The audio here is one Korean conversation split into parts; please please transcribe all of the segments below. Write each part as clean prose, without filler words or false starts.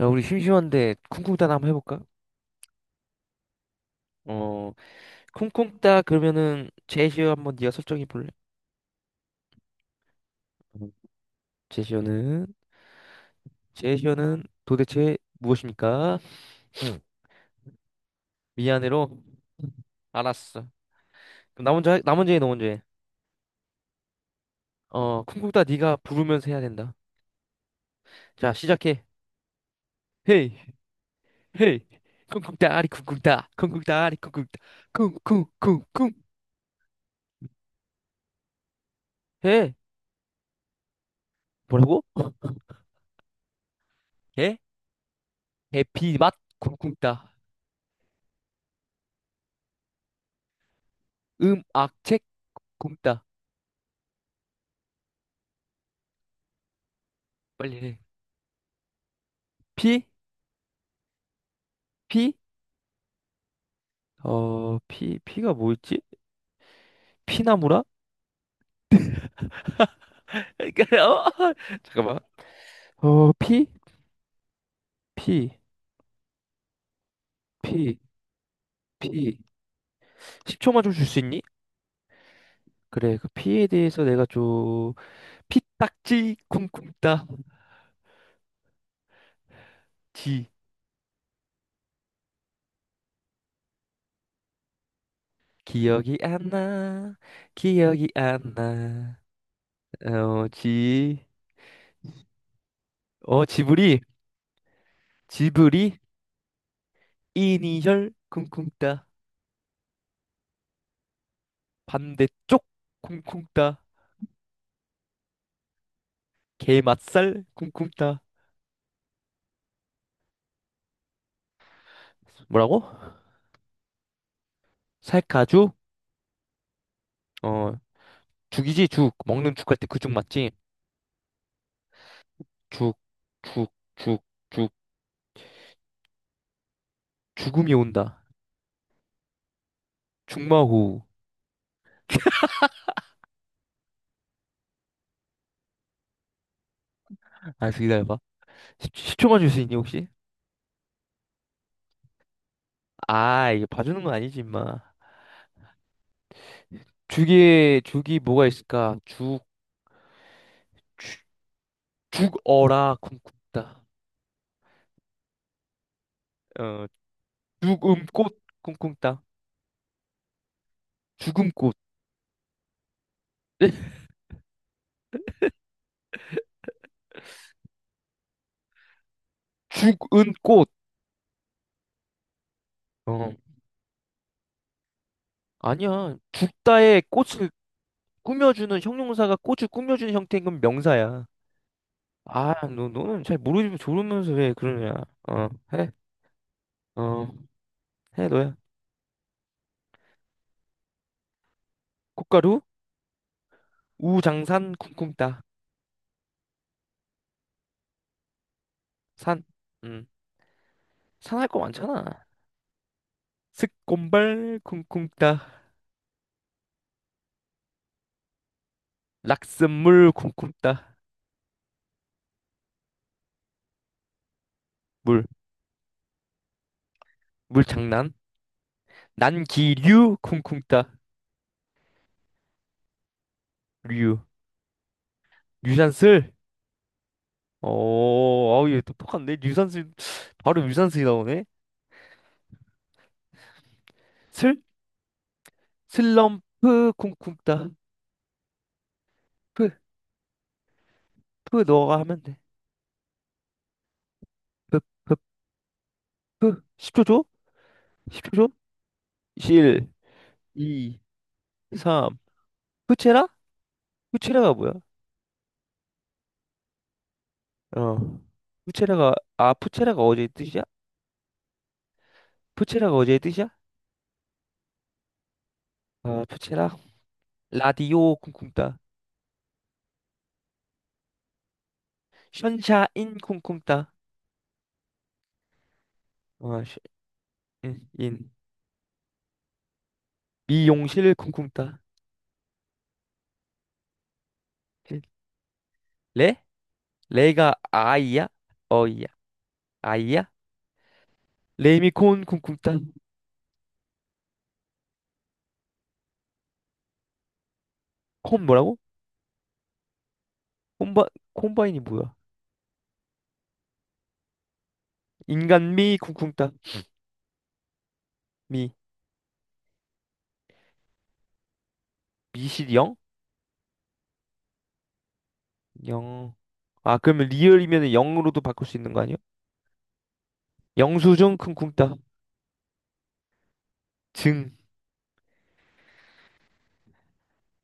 야, 우리 심심한데 쿵쿵따나 한번 해볼까? 어, 쿵쿵따 그러면은 제시어 한번 네가 설정해 볼래? 음. 제시어는 제시어는 도대체 무엇입니까? 미안해로 알았어. 그럼 나 먼저 해, 나 먼저 해, 너 먼저 해. 어, 쿵쿵따 네가 부르면서 해야 된다. 자, 시작해. 헤이, 헤이, 쿵쿵따리 쿵쿵따, 쿵쿵따리 쿵쿵따, 쿵쿵쿵쿵. 해. 뭐라고? 해? 해피 맛 쿵쿵따, 음악 책 쿵따. 빨리 해. 피, 피. 어, 피, 피가 뭐 있지? 피나무라? 그러니까, 잠깐만. 어, 피? 피, 피, 피. 10초만 좀 줄 수 있니? 그래, 그 피에 대해서 내가 좀, 피딱지, 쿵쿵딱지. 기억이 안 나, 기억이 안 나. 어, 지, 어, 지브리, 지브리, 이니셜, 쿵쿵따. 반대쪽, 쿵쿵따. 게맛살, 쿵쿵따. 뭐라고? 살카주? 어.. 죽이지 죽 먹는 죽할 때 그 죽 맞지? 죽 죽 죽 죽 죽음이 온다 죽마호 알았어 기다려봐 10, 초만 줄 수 있니 혹시? 아 이게 봐주는 건 아니지 임마 죽에 죽이 뭐가 있을까? 죽 죽- 죽어라 쿵쿵따 어 죽음 꽃 쿵쿵따 죽음 꽃 죽은 꽃 어. 아니야 죽다의 꽃을 꾸며주는 형용사가 꽃을 꾸며주는 형태인 건 명사야 아, 너, 너는 잘 모르지만 모르면서 왜 그러냐. 어, 해. 어, 해, 너야. 꽃가루, 우장산, 쿵쿵따. 산. 음, 산할 거 많잖아. 스콘발, 쿵쿵따. 락슨물, 쿵쿵따. 물. 물 장난. 난기류, 쿵쿵따. 류. 유산슬. 오, 아우, 얘 똑똑한데? 유산슬, 바로 유산슬이 나오네. 슬? 슬럼프, 쿵쿵따. 프, 프, 너가 하면 돼. 프, 프, 프. 10초 줘? 10초 줘? 1, 2. 3. 푸체라? 푸체라가 뭐야? 어. 푸체라가, 아, 푸체라가 어제의 뜻이야? 푸체라가 어제의 뜻이야? 아, 푸체라. 라디오 쿵쿵따. 션샤인 쿵쿵따. 어, 션- 인. 인. 미용실 쿵쿵따. 실. 레? 레가 아이야? 어이야? 아이야? 레미콘 쿵쿵따. 콤 뭐라고? 콤바, 콤바인이 뭐야? 인간미 쿵쿵따. 미. 미실 영? 영. 아, 그러면 리얼이면 0으로도 바꿀 수 있는 거 아니야? 영수증 큰 쿵따. 증.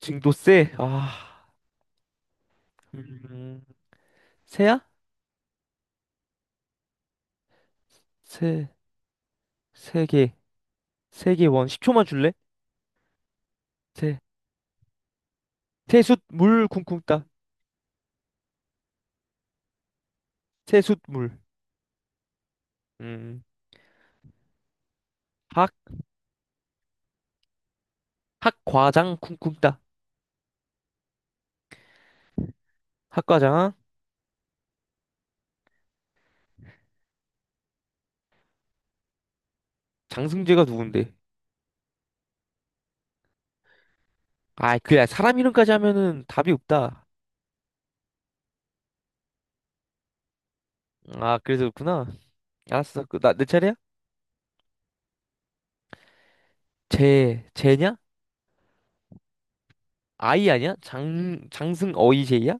증도세. 아. 음. 세야? 세. 세 개. 세 개 원. 10초만 줄래? 세. 세숫물 쿵쿵따. 세숫물. 음. 학. 학과장 쿵쿵따. 학과장. 장승재가 누군데? 아, 그래. 사람 이름까지 하면은 답이 없다. 아, 그래서 그렇구나. 알았어. 그, 나, 내 차례야? 재, 재냐? 아이 아니야? 장, 장승 어이 재야?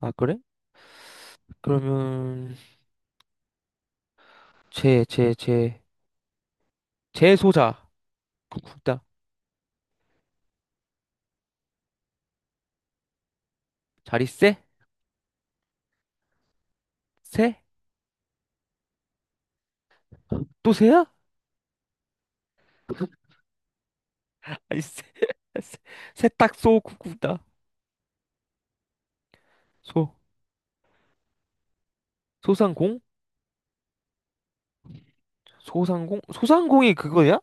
아, 그래? 그러면, 재, 재, 재, 재소자. 쿵다 자리 세? 세? 또 새야? 아니 세, 세- 세탁소 쿵다소 소상공? 소상공? 소상공이 그거야?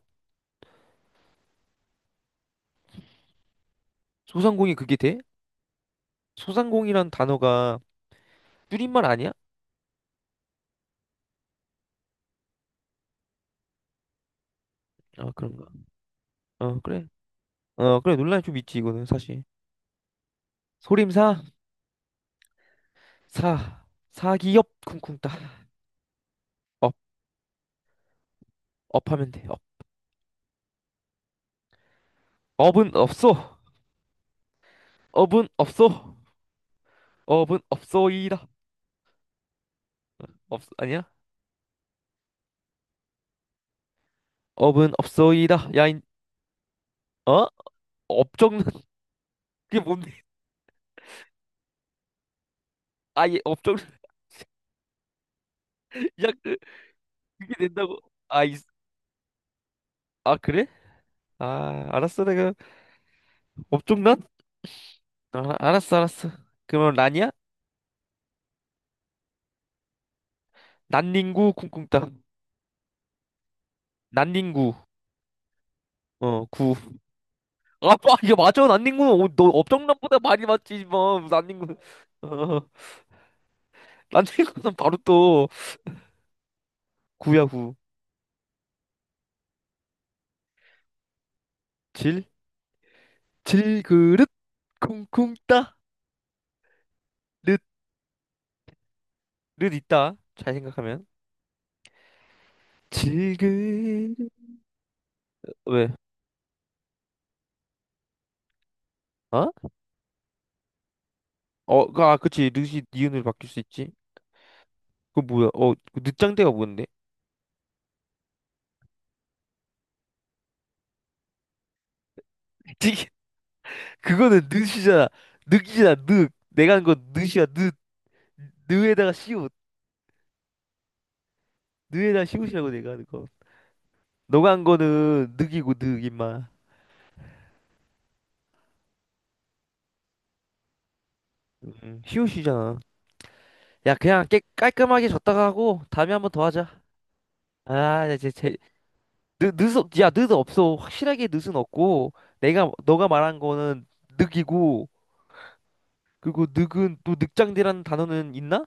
소상공이 그게 돼? 소상공이란 단어가 줄임말 아니야? 아 그런가? 어 그래. 어 그래 논란이 좀 있지 이거는 사실. 소림사 사 사기업 쿵쿵따. 업 업하면 돼. 업 업은 없어. 업은 없어. 업은 없어이다. 없 아니야? 업은 없어이다. 야인 어? 업적는 그게 뭔데? 아예 업종 이야 그- 그게 된다고 아, 이 아 그래? 아 알았어 내가 업종란? 아, 알았어 알았어 그러면 란이야? 난닝구 쿵쿵따 난닝구 어 구 아빠 이거 맞아 난닝구는 어, 너 업종란보다 많이 맞지 뭐 난닝구 어 난닝구는 바로 또 구야 구질 질그릇 쿵쿵따 릇릇 있다 잘 생각하면 질그릇 왜? 어? 어, 그, 아, 그치. 릇이 니은으로 바뀔 수 있지. 그 뭐야? 어, 그 늦장대가 뭔데? 찌개 그거는 늑이잖아. 늑이잖아. 늑. 내가 한 건 늑이야. 늑. 늑에다가 시옷. 늑에다가 시옷이라고 내가 하는 거. 너가 한 거는 늑이고 늑 임마. 시옷이잖아. 야 그냥 깨, 깔끔하게 졌다가 하고 다음에 한번 더 하자. 아, 이제 제 늑, 늑, 없- 야, 늑 없어. 확실하게 늑은 없고 내가 너가 말한 거는 늑이고 그리고 늑은 또 늑장대라는 단어는 있나?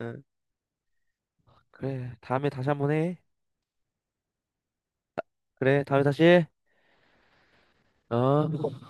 응. 그래. 다음에 다시 한번 해. 그래. 다음에 다시 해. 아,